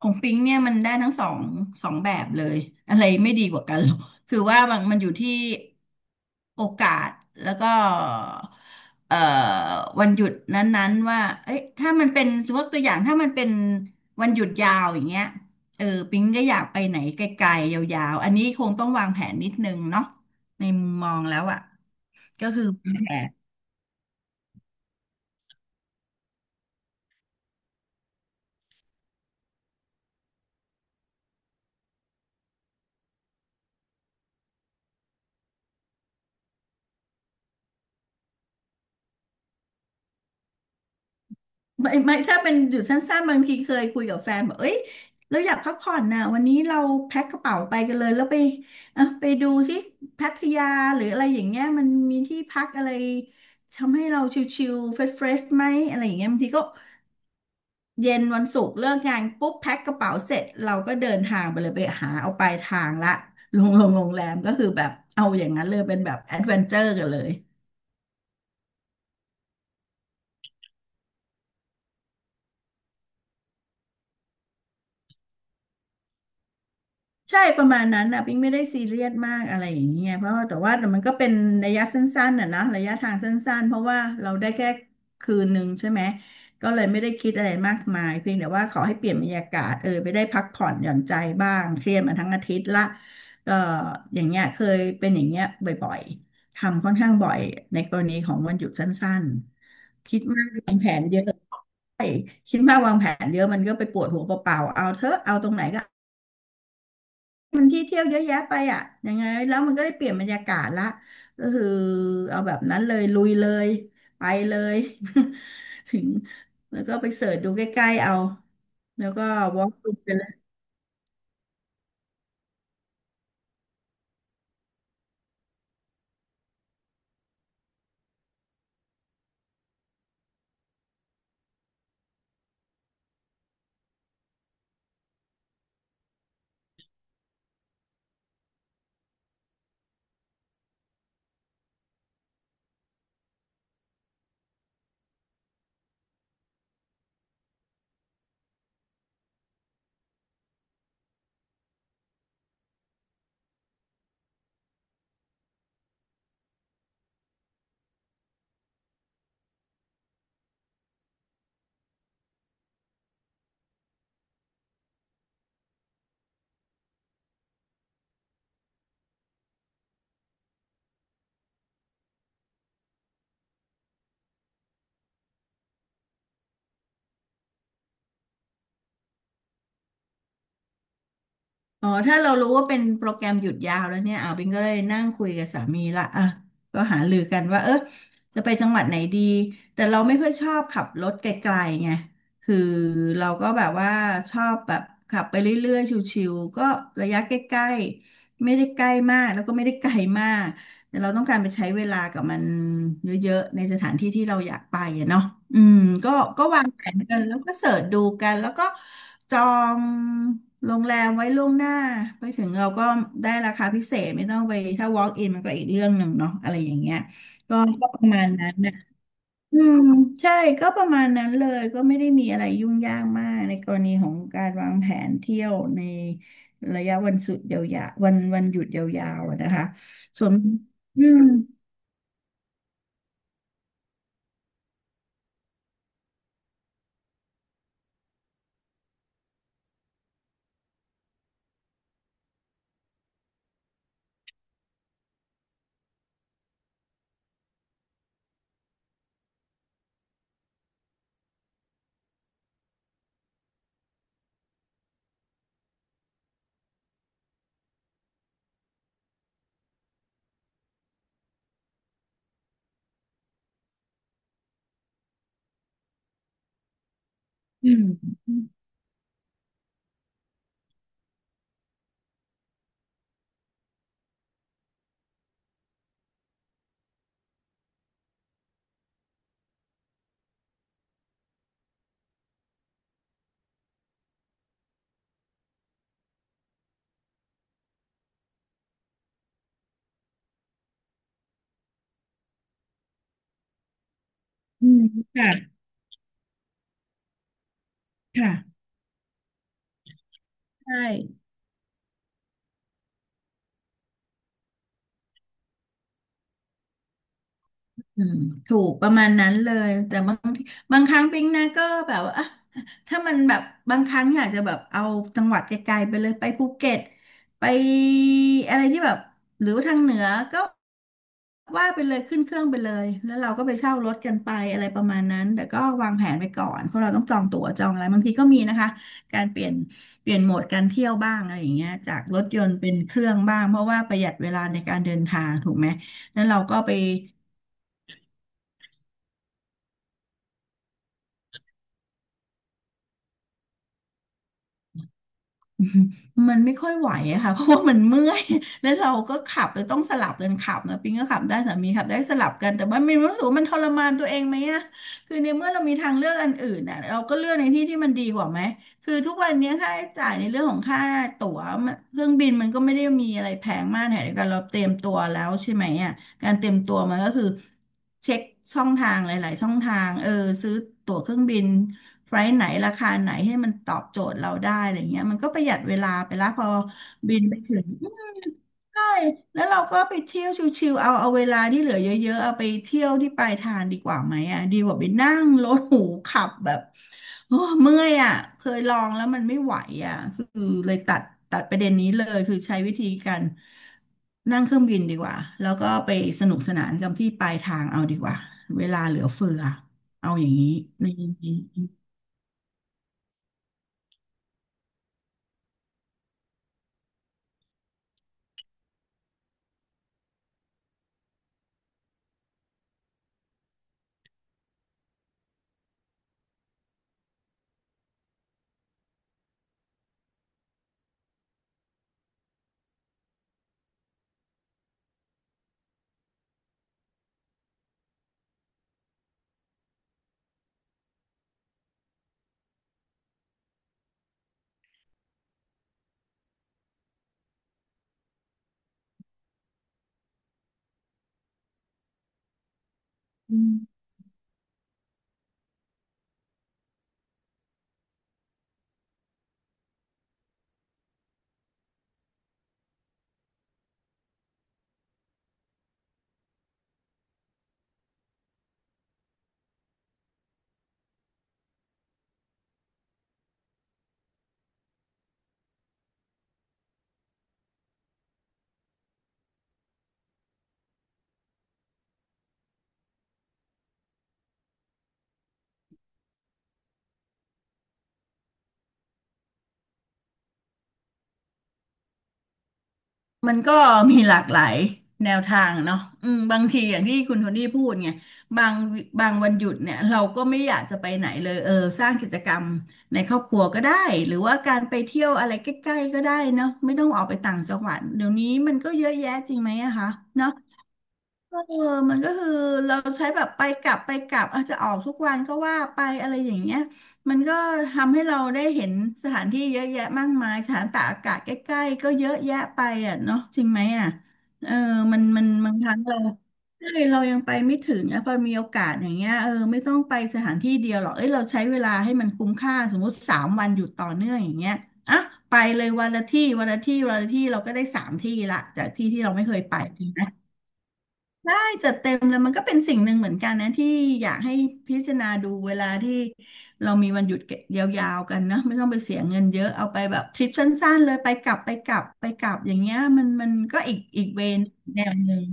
ของปิ๊งเนี่ยมันได้ทั้งสองแบบเลยอะไรไม่ดีกว่ากัน หรอกคือว่ามันอยู่ที่โอกาสแล้วก็เอ่อวันหยุดนั้นๆว่าเอ้ยถ้ามันเป็นสมมติตัวอย่างถ้ามันเป็นวันหยุดยาวอย่างเงี้ยเออปิงก็อยากไปไหนไกลๆยาวๆอันนี้คงต้องวางแผนนิดนึงเนาะในมุมมองแล้วอ่ะก็คือวางแผน ไม่ถ้าเป็นหยุดสั้นๆบางทีเคยคุยกับแฟนบอกเอ้ยเราอยากพักผ่อนนะวันนี้เราแพ็คกระเป๋าไปกันเลยแล้วไปเออไปดูสิพัทยาหรืออะไรอย่างเงี้ยมันมีที่พักอะไรทำให้เราชิลๆเฟรชๆไหมอะไรอย่างเงี้ยบางทีก็เย็นวันศุกร์เลิกงานปุ๊บแพ็คกระเป๋าเสร็จเราก็เดินทางไปเลยไปหาเอาปลายทางละลงโรงแรมก็คือแบบเอาอย่างนั้นเลยเป็นแบบแอดเวนเจอร์กันเลย ใช่ประมาณนั้นนะปิ๊งไม่ได้ซีเรียสมากอะไรอย่างเงี้ยเพราะว่าแต่ว่ามันก็เป็นระยะสั้นๆน่ะนะระยะทางสั้นๆเพราะว่าเราได้แค่คืนหนึ่งใช่ไหมก็เลยไม่ได้คิดอะไรมากมายเพียงแต่ว่าขอให้เปลี่ยนบรรยากาศเออไปได้พักผ่อนหย่อนใจบ้างเครียดมาทั้งอาทิตย์ละก็อย่างเงี้ยเคยเป็นอย่างเงี้ยบ่อยๆทำค่อนข้างบ่อยในกรณีของวันหยุดสั้นๆคิดมากวางแผนเยอะคิดมากวางแผนเยอะมันก็ไปปวดหัวเปล่าๆเอาเถอะเอาตรงไหนก็ มันที่เที่ยวเยอะแยะไปอ่ะยังไงแล้วมันก็ได้เปลี่ยนบรรยากาศละก็คือเอาแบบนั้นเลยลุยเลยไปเลย ถึงแล้วก็ไปเสิร์ชดูใกล้ๆเอาแล้วก็วอล์กไปเลย อ๋อถ้าเรารู้ว่าเป็นโปรแกรมหยุดยาวแล้วเนี่ยอ่าบิงก็เลยนั่งคุยกับสามีละอ่ะก็หารือกันว่าเออจะไปจังหวัดไหนดีแต่เราไม่ค่อยชอบขับรถไกลๆไงคือเราก็แบบว่าชอบแบบขับไปเรื่อยๆชิวๆก็ระยะใกล้ๆไม่ได้ใกล้มากแล้วก็ไม่ได้ไกลมากแต่เราต้องการไปใช้เวลากับมันเยอะๆในสถานที่ที่เราอยากไปอะเนาะอืมก็ก็วางแผนกันแล้วก็เสิร์ชดูกันแล้วก็ จองโรงแรมไว้ล่วงหน้าไปถึงเราก็ได้ราคาพิเศษไม่ต้องไปถ้า walk in มันก็อีกเรื่องหนึ่งเนาะอะไรอย่างเงี้ยก็ก็ประมาณนั้นนะอืมใช่ก็ประมาณนั้นเลยก็ไม่ได้มีอะไรยุ่งยากมากในกรณีของการวางแผนเที่ยวในระยะวันสุดยาวๆวันหยุดยาวๆอะนะคะส่วนอืมอืมอืมค่ะค่ะใช่ อืมถูกประมาณนั้นเลยแต่บางทีบางครั้งปิ๊งนะก็แบบว่าอ่ะถ้ามันแบบบางครั้งอยากจะแบบเอาจังหวัดไกลๆไปเลยไปภูเก็ตไปอะไรที่แบบหรือว่าทางเหนือก็ว่าไปเลยขึ้นเครื่องไปเลยแล้วเราก็ไปเช่ารถกันไปอะไรประมาณนั้นแต่ก็วางแผนไปก่อนเพราะเราต้องจองตั๋วจองอะไรบางทีก็มีนะคะการเปลี่ยนโหมดการเที่ยวบ้างอะไรอย่างเงี้ยจากรถยนต์เป็นเครื่องบ้างเพราะว่าประหยัดเวลาในการเดินทางถูกไหมนั้นเราก็ไป มันไม่ค่อยไหวอะค่ะ เพราะว่ามันเมื่อย แล้วเราก็ขับเลยต้องสลับกันขับนะปิงก็ขับได้สามีขับได้สลับกันแต่ว่ามีรู้สึกว่ามันทรมานตัวเองไหมอะคือในเมื่อเรามีทางเลือกอันอื่นอะเราก็เลือกในที่ที่มันดีกว่าไหมคือทุกวันนี้ค่าใช้จ่ายในเรื่องของค่าตั๋วเครื่องบินมันก็ไม่ได้มีอะไรแพงมากแถมเดียวกันเราเตรียมตัวแล้วใช่ไหมอะ การเตรียมตัวมันก็คือเช็คช่องทางหลายๆช่องทางเออซื้อตั๋วเครื่องบินไฟล์ไหนราคาไหนให้มันตอบโจทย์เราได้อะไรเงี้ยมันก็ประหยัดเวลาไปละพอบินไปถึง ใช่แล้วเราก็ไปเที่ยวชิวๆเอาเวลาที่เหลือเยอะๆเอาไปเที่ยวที่ปลายทางดีกว่าไหมอ่ะดีกว่าไปนั่งรถหรูขับแบบโอ้เมื่อยอ่ะเคยลองแล้วมันไม่ไหวอ่ะคือเลยตัดประเด็นนี้เลยคือใช้วิธีการนั่งเครื่องบินดีกว่าแล้วก็ไปสนุกสนานกับที่ปลายทางเอาดีกว่าเวลาเหลือเฟือเอาอย่างนี้ในนี้ มันก็มีหลากหลายแนวทางเนาะอืมบางทีอย่างที่คุณโทนี่พูดไงบางบางวันหยุดเนี่ยเราก็ไม่อยากจะไปไหนเลยเออสร้างกิจกรรมในครอบครัวก็ได้หรือว่าการไปเที่ยวอะไรใกล้ๆก็ได้เนาะไม่ต้องออกไปต่างจังหวัดเดี๋ยวนี้มันก็เยอะแยะจริงไหมอะคะเนาะ เออมันก็คือเราใช้แบบไปกลับไปกลับอาจจะออกทุกวันก็ว่าไปอะไรอย่างเงี้ยมันก็ทำให้เราได้เห็นสถานที่เยอะแยะมากมายสถานตากอากาศใกล้ๆก็เยอะแยะไปอ่ะเนาะจริงไหมอ่ะเออมันบางครั้งเราเฮ้ยเรายังไปไม่ถึงนะพอมีโอกาสอย่างเงี้ยเออไม่ต้องไปสถานที่เดียวหรอกเอ้ยเราใช้เวลาให้มันคุ้มค่าสมมุติสามวันอยู่ต่อเนื่องอย่างเงี้ยอ่ะไปเลยวันละที่วันละที่วันละที่เราก็ได้สามที่ละจากที่ที่เราไม่เคยไปจริงไหม จัดเต็มแล้วมันก็เป็นสิ่งหนึ่งเหมือนกันนะที่อยากให้พิจารณาดูเวลาที่เรามีวันหยุดยาวๆกันนะไม่ต้องไปเสียเงินเยอะเอาไปแบบทริปสั้นๆเลยไปกลับไปกลับไปกลับอย่างเงี้ยมันก็อีกเวนแนวหนึ่ง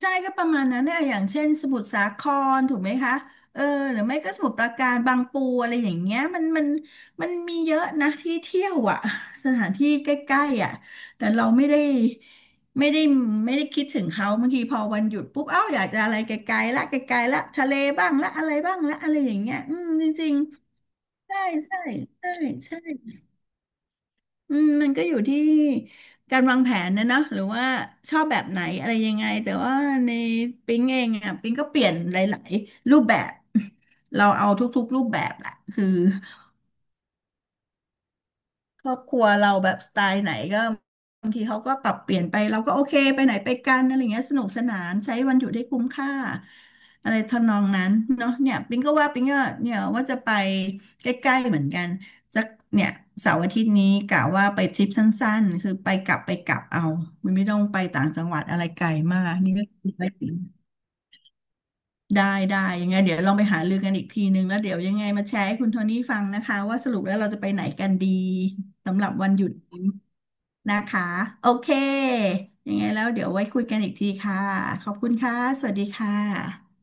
ใช่ก็ประมาณนั้นเนี่ยอย่างเช่นสมุทรสาครถูกไหมคะเออหรือไม่ก็สมุทรปราการบางปูอะไรอย่างเงี้ยมันมีเยอะนะที่เที่ยวอ่ะ สถานที่ใกล้ๆอ่ะแต่เราไม่ได้ไม่ได้ไม่ได้คิดถึงเขาบางทีพอวันหยุดปุ๊บเอ้าอยากจะอะไรไกลๆละไกลๆละทะเลบ้างละอะไรบ้างละอะไรอย่างเงี้ยอืมจริงๆใช่ใช่ใช่ใช่ อืมมันก็อยู่ที่การวางแผนนะเนอะหรือว่าชอบแบบไหนอะไรยังไงแต่ว่าในปิ๊งเองอ่ะปิ๊งก็เปลี่ยนหลายๆรูปแบบ เราเอาทุกๆรูปแบบแหละคือ ครอบครัวเราแบบสไตล์ไหนก็บางทีเขาก็ปรับเปลี่ยนไปเราก็โอเคไปไหนไปกันอะไรเงี้ยสนุกสนานใช้วันหยุดให้คุ้มค่าอะไรทำนองนั้นเนาะเนี่ยปิงก็ว่าปิงก็เนี่ยว่าจะไปใกล้ๆเหมือนกันสักเนี่ยเสาร์อาทิตย์นี้กะว่าไปทริปสั้นๆคือไปกลับไปกลับเอามันไม่ต้องไปต่างจังหวัดอะไรไกลมากนี่ก็คิดไว้ถึงได้ยังไงเดี๋ยวลองไปหารือกันอีกทีนึงแล้วเดี๋ยวยังไงมาแชร์ให้คุณโทนี่ฟังนะคะว่าสรุปแล้วเราจะไปไหนกันดีสำหรับวันหยุดนี้ นะคะโอเคยังไงแล้วเดี๋ยวไว้คุยกันอีกทีค่ะขอบคุณค่ะสวัสดีค่ะ